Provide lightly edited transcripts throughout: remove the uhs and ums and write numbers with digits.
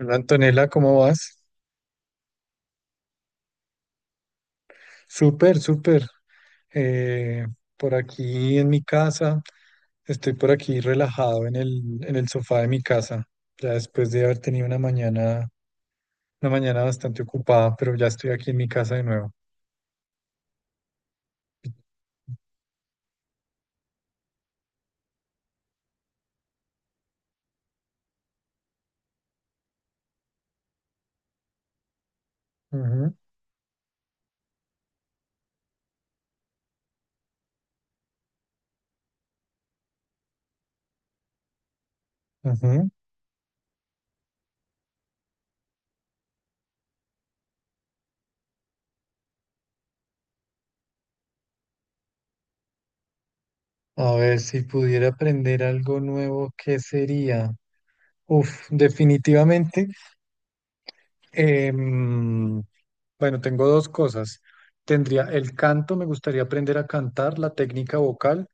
Hola Antonella, ¿cómo vas? Súper, súper. Eh, por aquí en mi casa, estoy por aquí relajado en en el sofá de mi casa, ya después de haber tenido una mañana bastante ocupada, pero ya estoy aquí en mi casa de nuevo. Ujú, ujú. A ver, si pudiera aprender algo nuevo, ¿qué sería? Uf, definitivamente. em, Bueno, tengo dos cosas. Tendría el canto, me gustaría aprender a cantar, la técnica vocal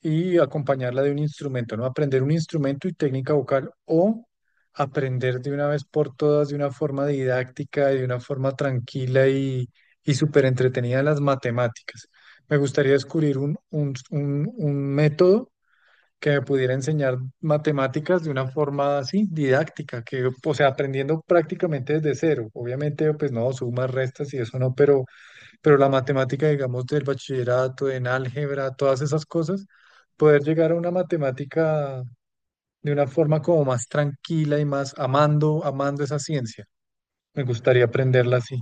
y acompañarla de un instrumento, ¿no? Aprender un instrumento y técnica vocal o aprender de una vez por todas, de una forma didáctica y de una forma tranquila y súper entretenida las matemáticas. Me gustaría descubrir un método que me pudiera enseñar matemáticas de una forma así, didáctica, que, o sea, aprendiendo prácticamente desde cero. Obviamente, pues no, sumas, restas y eso no, pero la matemática, digamos, del bachillerato, en álgebra, todas esas cosas, poder llegar a una matemática de una forma como más tranquila y más amando, amando esa ciencia. Me gustaría aprenderla así.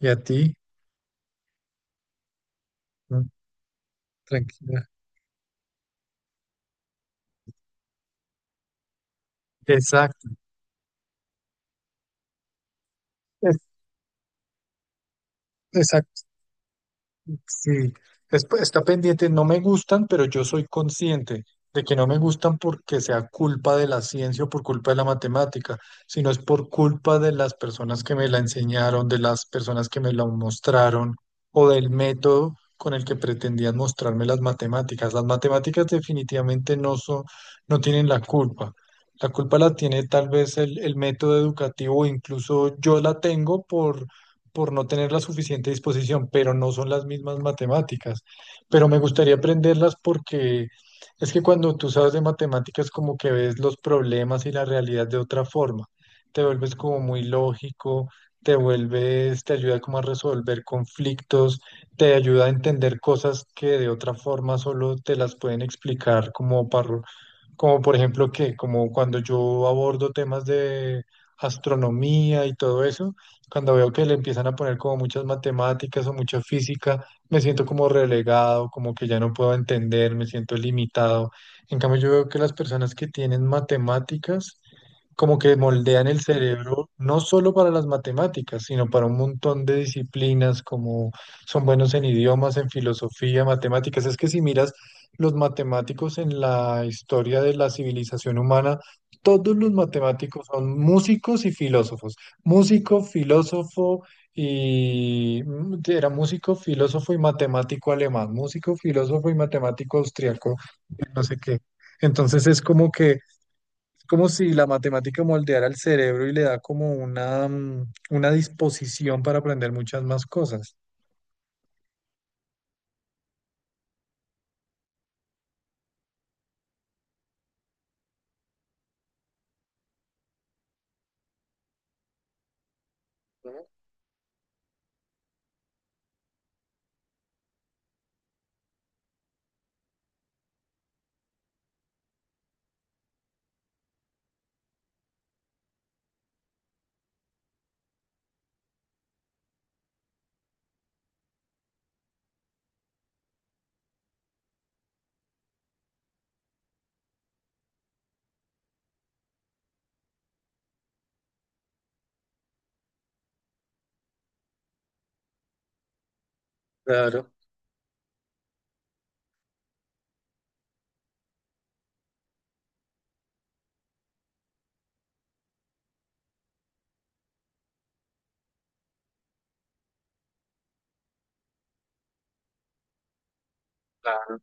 ¿Y a ti? Mm, tranquila. Exacto. Es- Exacto. Sí, es- pues, está pendiente, no me gustan, pero yo soy consciente de que no me gustan porque sea culpa de la ciencia o por culpa de la matemática, sino es por culpa de las personas que me la enseñaron, de las personas que me la mostraron o del método con el que pretendían mostrarme las matemáticas. Las matemáticas definitivamente no son, no tienen la culpa. La culpa la tiene tal vez el método educativo, o incluso yo la tengo por no tener la suficiente disposición, pero no son las mismas matemáticas. Pero me gustaría aprenderlas porque es que cuando tú sabes de matemáticas, como que ves los problemas y la realidad de otra forma, te vuelves como muy lógico, te vuelves, te ayuda como a resolver conflictos, te ayuda a entender cosas que de otra forma solo te las pueden explicar como por ejemplo que, como cuando yo abordo temas de astronomía y todo eso, cuando veo que le empiezan a poner como muchas matemáticas o mucha física, me siento como relegado, como que ya no puedo entender, me siento limitado. En cambio, yo veo que las personas que tienen matemáticas como que moldean el cerebro no solo para las matemáticas, sino para un montón de disciplinas, como son buenos en idiomas, en filosofía, matemáticas. Es que si miras los matemáticos en la historia de la civilización humana, todos los matemáticos son músicos y filósofos. Músico, filósofo y era músico, filósofo y matemático alemán, músico, filósofo y matemático austriaco, no sé qué. Entonces es como que es como si la matemática moldeara el cerebro y le da como una, una disposición para aprender muchas más cosas. Claro, claro.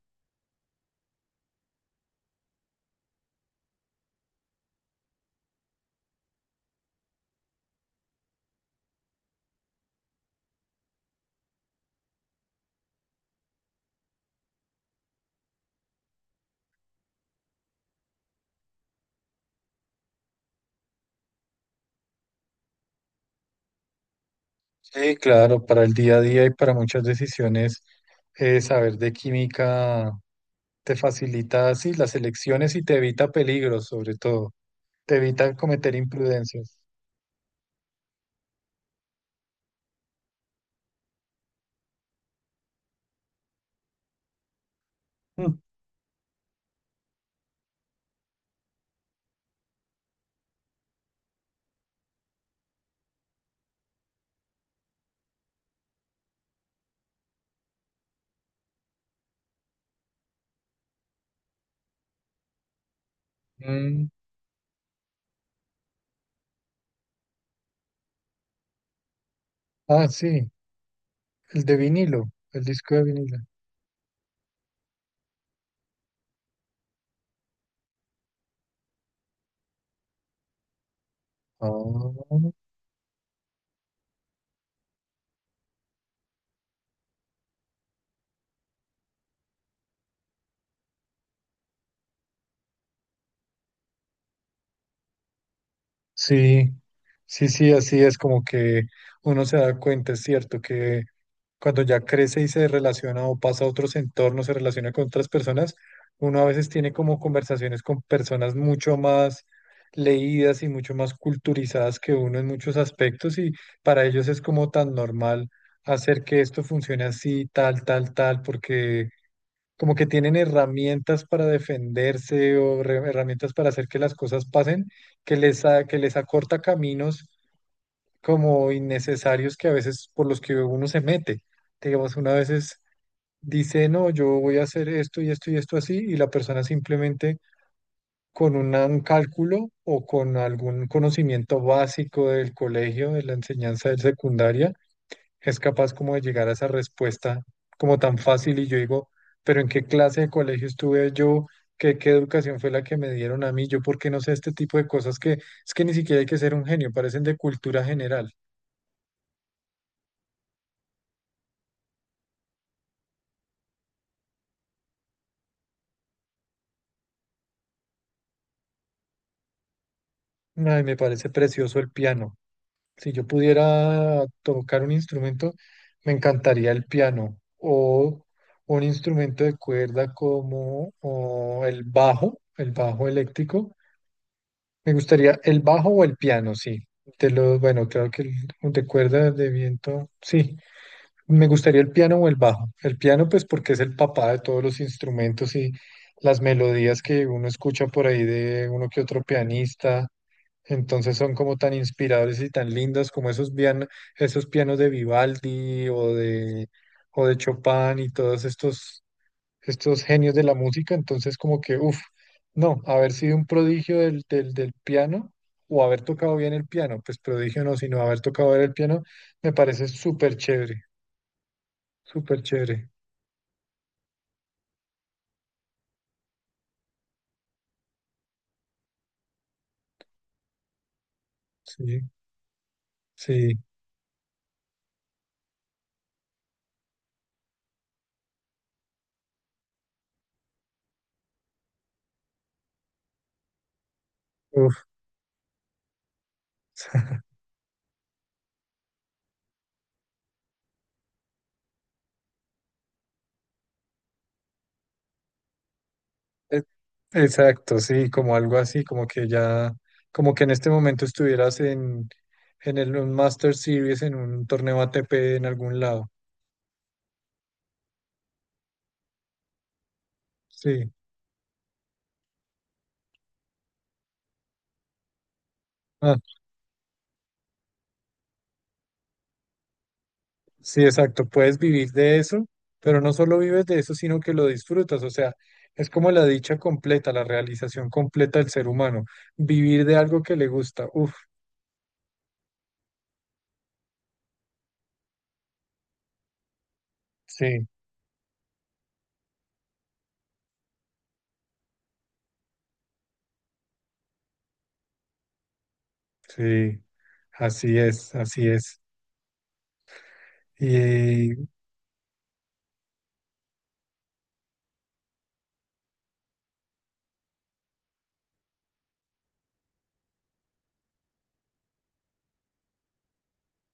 Sí, claro, para el día a día y para muchas decisiones, saber de química te facilita así las elecciones y te evita peligros, sobre todo. Te evita cometer imprudencias. Mm. Mm, ah, sí, el de vinilo, el disco de vinilo. Ah, sí, sí, sí, así es. Como que uno se da cuenta, es cierto, que cuando ya crece y se relaciona o pasa a otros entornos, se relaciona con otras personas, uno a veces tiene como conversaciones con personas mucho más leídas y mucho más culturizadas que uno en muchos aspectos, y para ellos es como tan normal hacer que esto funcione así, tal, tal, tal, porque como que tienen herramientas para defenderse o re- herramientas para hacer que las cosas pasen, que les, a- que les acorta caminos como innecesarios que a veces por los que uno se mete. Digamos, una vez veces dice, no, yo voy a hacer esto y esto y esto así, y la persona simplemente con una- un cálculo o con algún conocimiento básico del colegio, de la enseñanza del secundaria, es capaz como de llegar a esa respuesta como tan fácil y yo digo, pero ¿en qué clase de colegio estuve yo? ¿Qué, qué educación fue la que me dieron a mí? Yo, ¿por qué no sé este tipo de cosas que es que ni siquiera hay que ser un genio, parecen de cultura general? Ay, me parece precioso el piano. Si yo pudiera tocar un instrumento, me encantaría el piano o un instrumento de cuerda como o el bajo eléctrico. Me gustaría el bajo o el piano, sí. De los, bueno, claro que el de cuerda de viento, sí. Me gustaría el piano o el bajo. El piano, pues porque es el papá de todos los instrumentos y las melodías que uno escucha por ahí de uno que otro pianista. Entonces son como tan inspiradores y tan lindas como esos pianos de Vivaldi o de Chopin y todos estos, estos genios de la música. Entonces como que, uff, no, haber sido un prodigio del piano o haber tocado bien el piano, pues prodigio no, sino haber tocado bien el piano, me parece súper chévere. Súper chévere. Sí, sí. Uf. E- exacto, sí, como algo así, como que ya, como que en este momento estuvieras en el, un Master Series, en un torneo ATP en algún lado. Sí, ah, sí, exacto. Puedes vivir de eso, pero no solo vives de eso, sino que lo disfrutas. O sea, es como la dicha completa, la realización completa del ser humano. Vivir de algo que le gusta. Uf, sí, sí, así es, así es.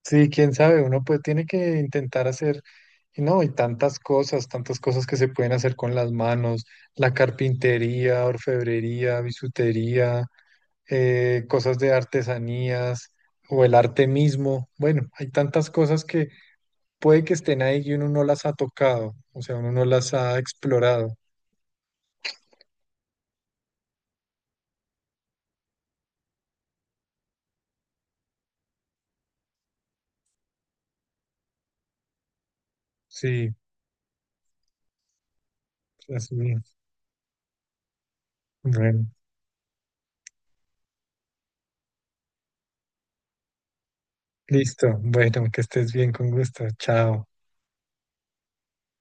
Sí, quién sabe, uno pues tiene que intentar hacer, y no, y tantas cosas que se pueden hacer con las manos, la carpintería, orfebrería, bisutería, cosas de artesanías o el arte mismo. Bueno, hay tantas cosas que puede que estén ahí y uno no las ha tocado, o sea, uno no las ha explorado. Sí, así. Es. Bueno, listo. Bueno, que estés bien, con gusto. Chao.